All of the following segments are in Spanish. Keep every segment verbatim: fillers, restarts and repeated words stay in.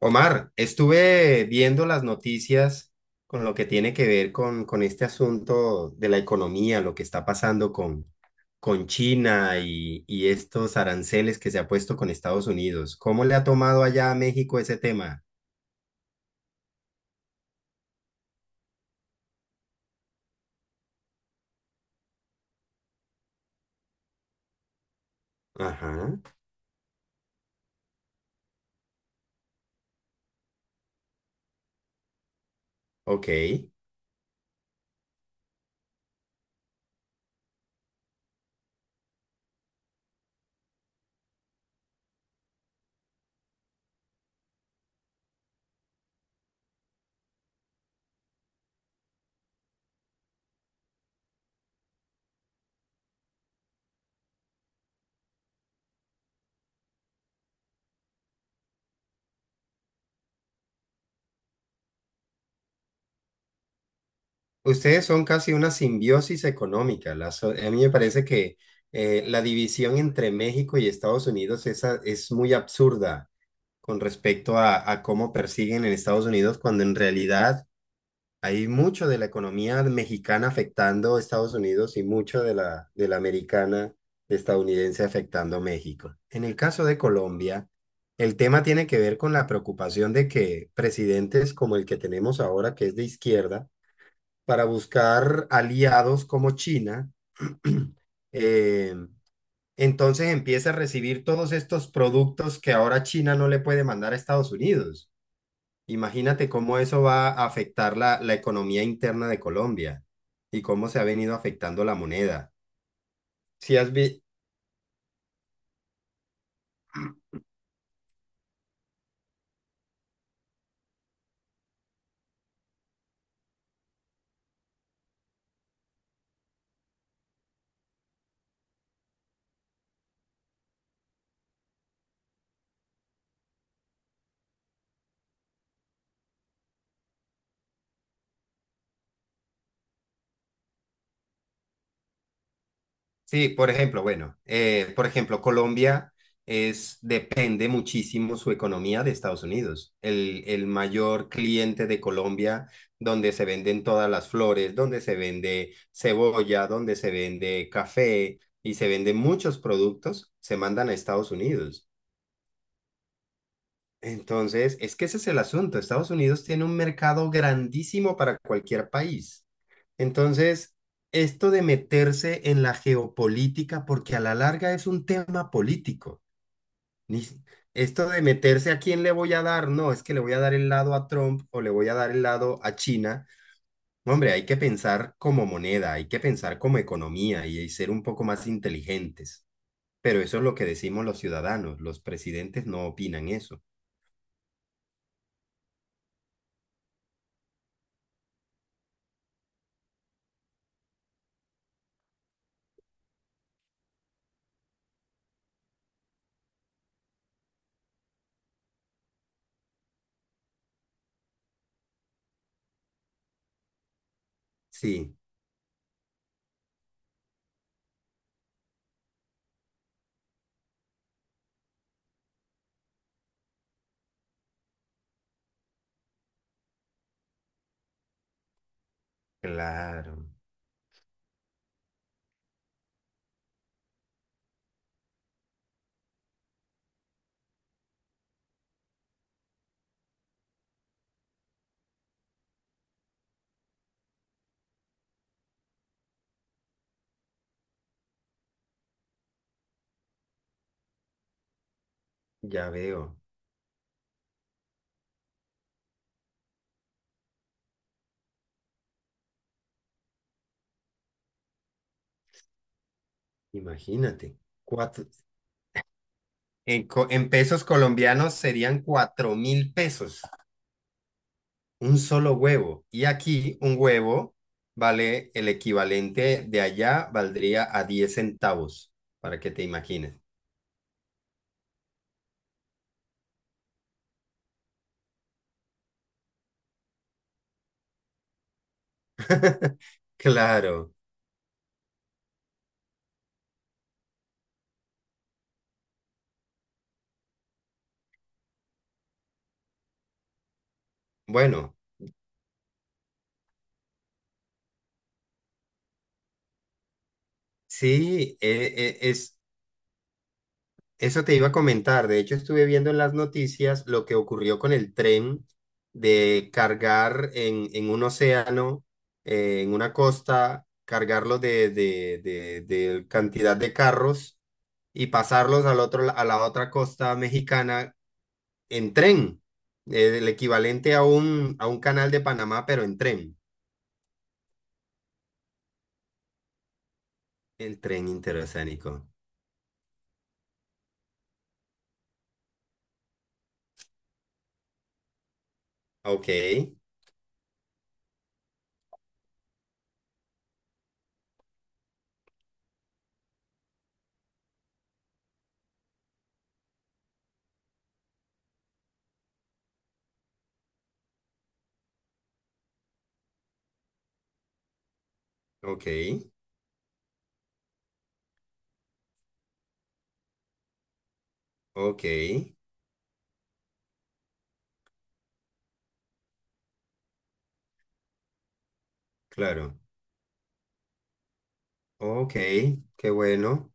Omar, estuve viendo las noticias con lo que tiene que ver con, con este asunto de la economía, lo que está pasando con, con China y, y estos aranceles que se ha puesto con Estados Unidos. ¿Cómo le ha tomado allá a México ese tema? Ajá. Ok. Ustedes son casi una simbiosis económica. La so- a mí me parece que eh, la división entre México y Estados Unidos es, a- es muy absurda con respecto a, a cómo persiguen en Estados Unidos cuando en realidad... Hay mucho de la economía mexicana afectando a Estados Unidos y mucho de la, de la americana estadounidense afectando a México. En el caso de Colombia, el tema tiene que ver con la preocupación de que presidentes como el que tenemos ahora, que es de izquierda, para buscar aliados como China, eh, entonces empieza a recibir todos estos productos que ahora China no le puede mandar a Estados Unidos. Imagínate cómo eso va a afectar la, la economía interna de Colombia y cómo se ha venido afectando la moneda. Si has vi- Sí, por ejemplo, bueno, eh, por ejemplo, Colombia es, depende muchísimo su economía de Estados Unidos. El, el mayor cliente de Colombia, donde se venden todas las flores, donde se vende cebolla, donde se vende café y se venden muchos productos, se mandan a Estados Unidos. Entonces, es que ese es el asunto. Estados Unidos tiene un mercado grandísimo para cualquier país. Entonces, esto de meterse en la geopolítica, porque a la larga es un tema político. Ni si- Esto de meterse a quién le voy a dar, no, es que le voy a dar el lado a Trump o le voy a dar el lado a China. No, Hombre, hay que pensar como moneda, hay que pensar como economía y y ser un poco más inteligentes. Pero eso es lo que decimos los ciudadanos. Los presidentes no opinan eso. Sí. Claro, ya veo. Imagínate. Cuatro, en, co- en pesos colombianos serían cuatro mil pesos, un solo huevo. Y aquí un huevo vale el equivalente de allá, valdría a diez centavos, para que te imagines. Claro. Bueno, sí, e- e- es, eso te iba a comentar. De hecho, estuve viendo en las noticias lo que ocurrió con el tren de cargar en, en un océano, eh, en una costa, cargarlo de, de, de, de cantidad de carros y pasarlos al otro, la- a la otra costa mexicana en tren. Eh, el equivalente a un, a un canal de Panamá, pero en tren. El tren interoceánico. Ok, ok, ok, claro. Ok, qué bueno.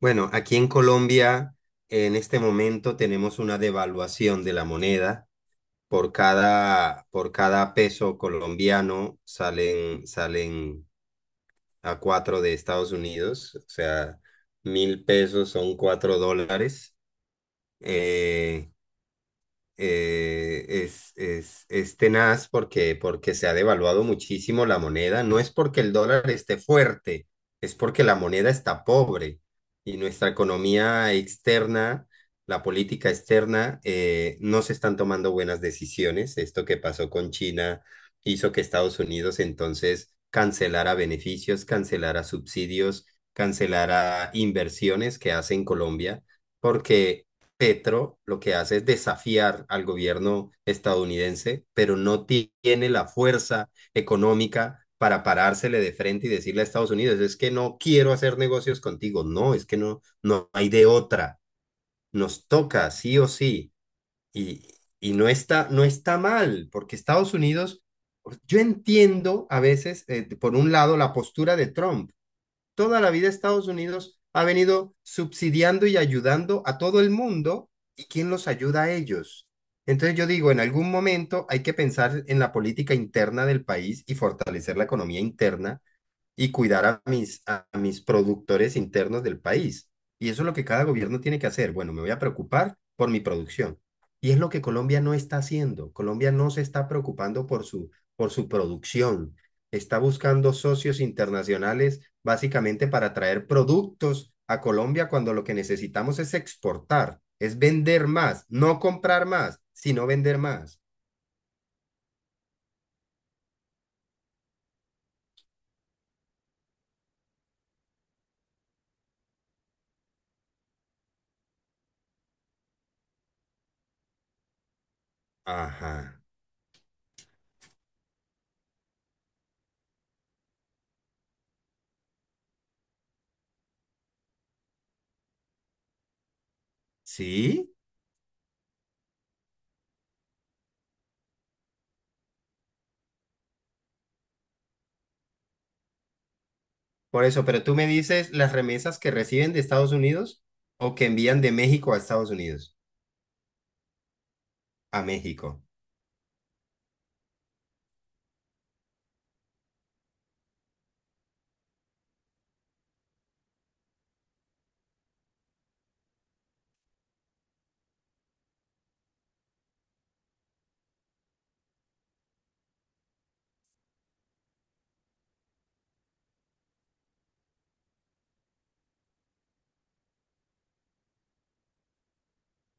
Bueno, aquí en Colombia, en este momento tenemos una devaluación de la moneda. Por cada, por cada peso colombiano salen, salen a cuatro de Estados Unidos. O sea, mil pesos son cuatro dólares. Eh, eh, es, es, es tenaz porque, porque se ha devaluado muchísimo la moneda. No es porque el dólar esté fuerte, es porque la moneda está pobre y nuestra economía externa, la política externa, eh, no se están tomando buenas decisiones. Esto que pasó con China hizo que Estados Unidos entonces cancelara beneficios, cancelara subsidios, cancelara inversiones que hace en Colombia porque Petro lo que hace es desafiar al gobierno estadounidense, pero no tiene la fuerza económica para parársele de frente y decirle a Estados Unidos, es que no quiero hacer negocios contigo, no, es que no, no hay de otra, nos toca sí o sí, y, y no está, no está mal, porque Estados Unidos, yo entiendo a veces, eh, por un lado, la postura de Trump, toda la vida Estados Unidos ha venido subsidiando y ayudando a todo el mundo, ¿y quién los ayuda a ellos? Entonces yo digo, en algún momento hay que pensar en la política interna del país y fortalecer la economía interna y cuidar a mis, a mis productores internos del país. Y eso es lo que cada gobierno tiene que hacer. Bueno, me voy a preocupar por mi producción. Y es lo que Colombia no está haciendo. Colombia no se está preocupando por su, por su producción. Está buscando socios internacionales básicamente para traer productos a Colombia cuando lo que necesitamos es exportar, es vender más, no comprar más, sino vender más. Ajá. ¿Sí? Por eso, pero tú me dices las remesas que reciben de Estados Unidos o que envían de México a Estados Unidos, a México.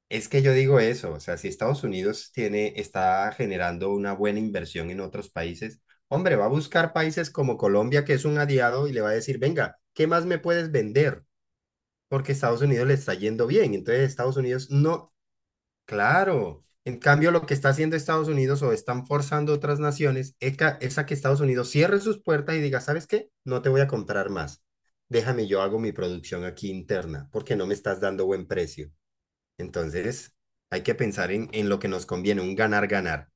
Es que yo digo eso, o sea, si Estados Unidos tiene, está generando una buena inversión en otros países, hombre, va a buscar países como Colombia, que es un aliado, y le va a decir, venga, ¿qué más me puedes vender? Porque Estados Unidos le está yendo bien. Entonces, Estados Unidos no, claro. En cambio, lo que está haciendo Estados Unidos o están forzando otras naciones eca- es a que Estados Unidos cierre sus puertas y diga, ¿sabes qué? No te voy a comprar más. Déjame, yo hago mi producción aquí interna porque no me estás dando buen precio. Entonces, hay que pensar en, en lo que nos conviene, un ganar-ganar.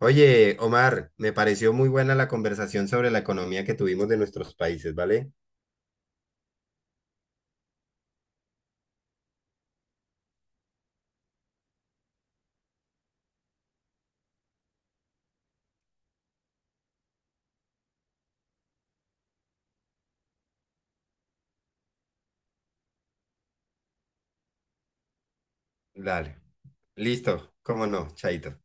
Oye, Omar, me pareció muy buena la conversación sobre la economía que tuvimos de nuestros países, ¿vale? Dale. Listo, cómo no, chaito.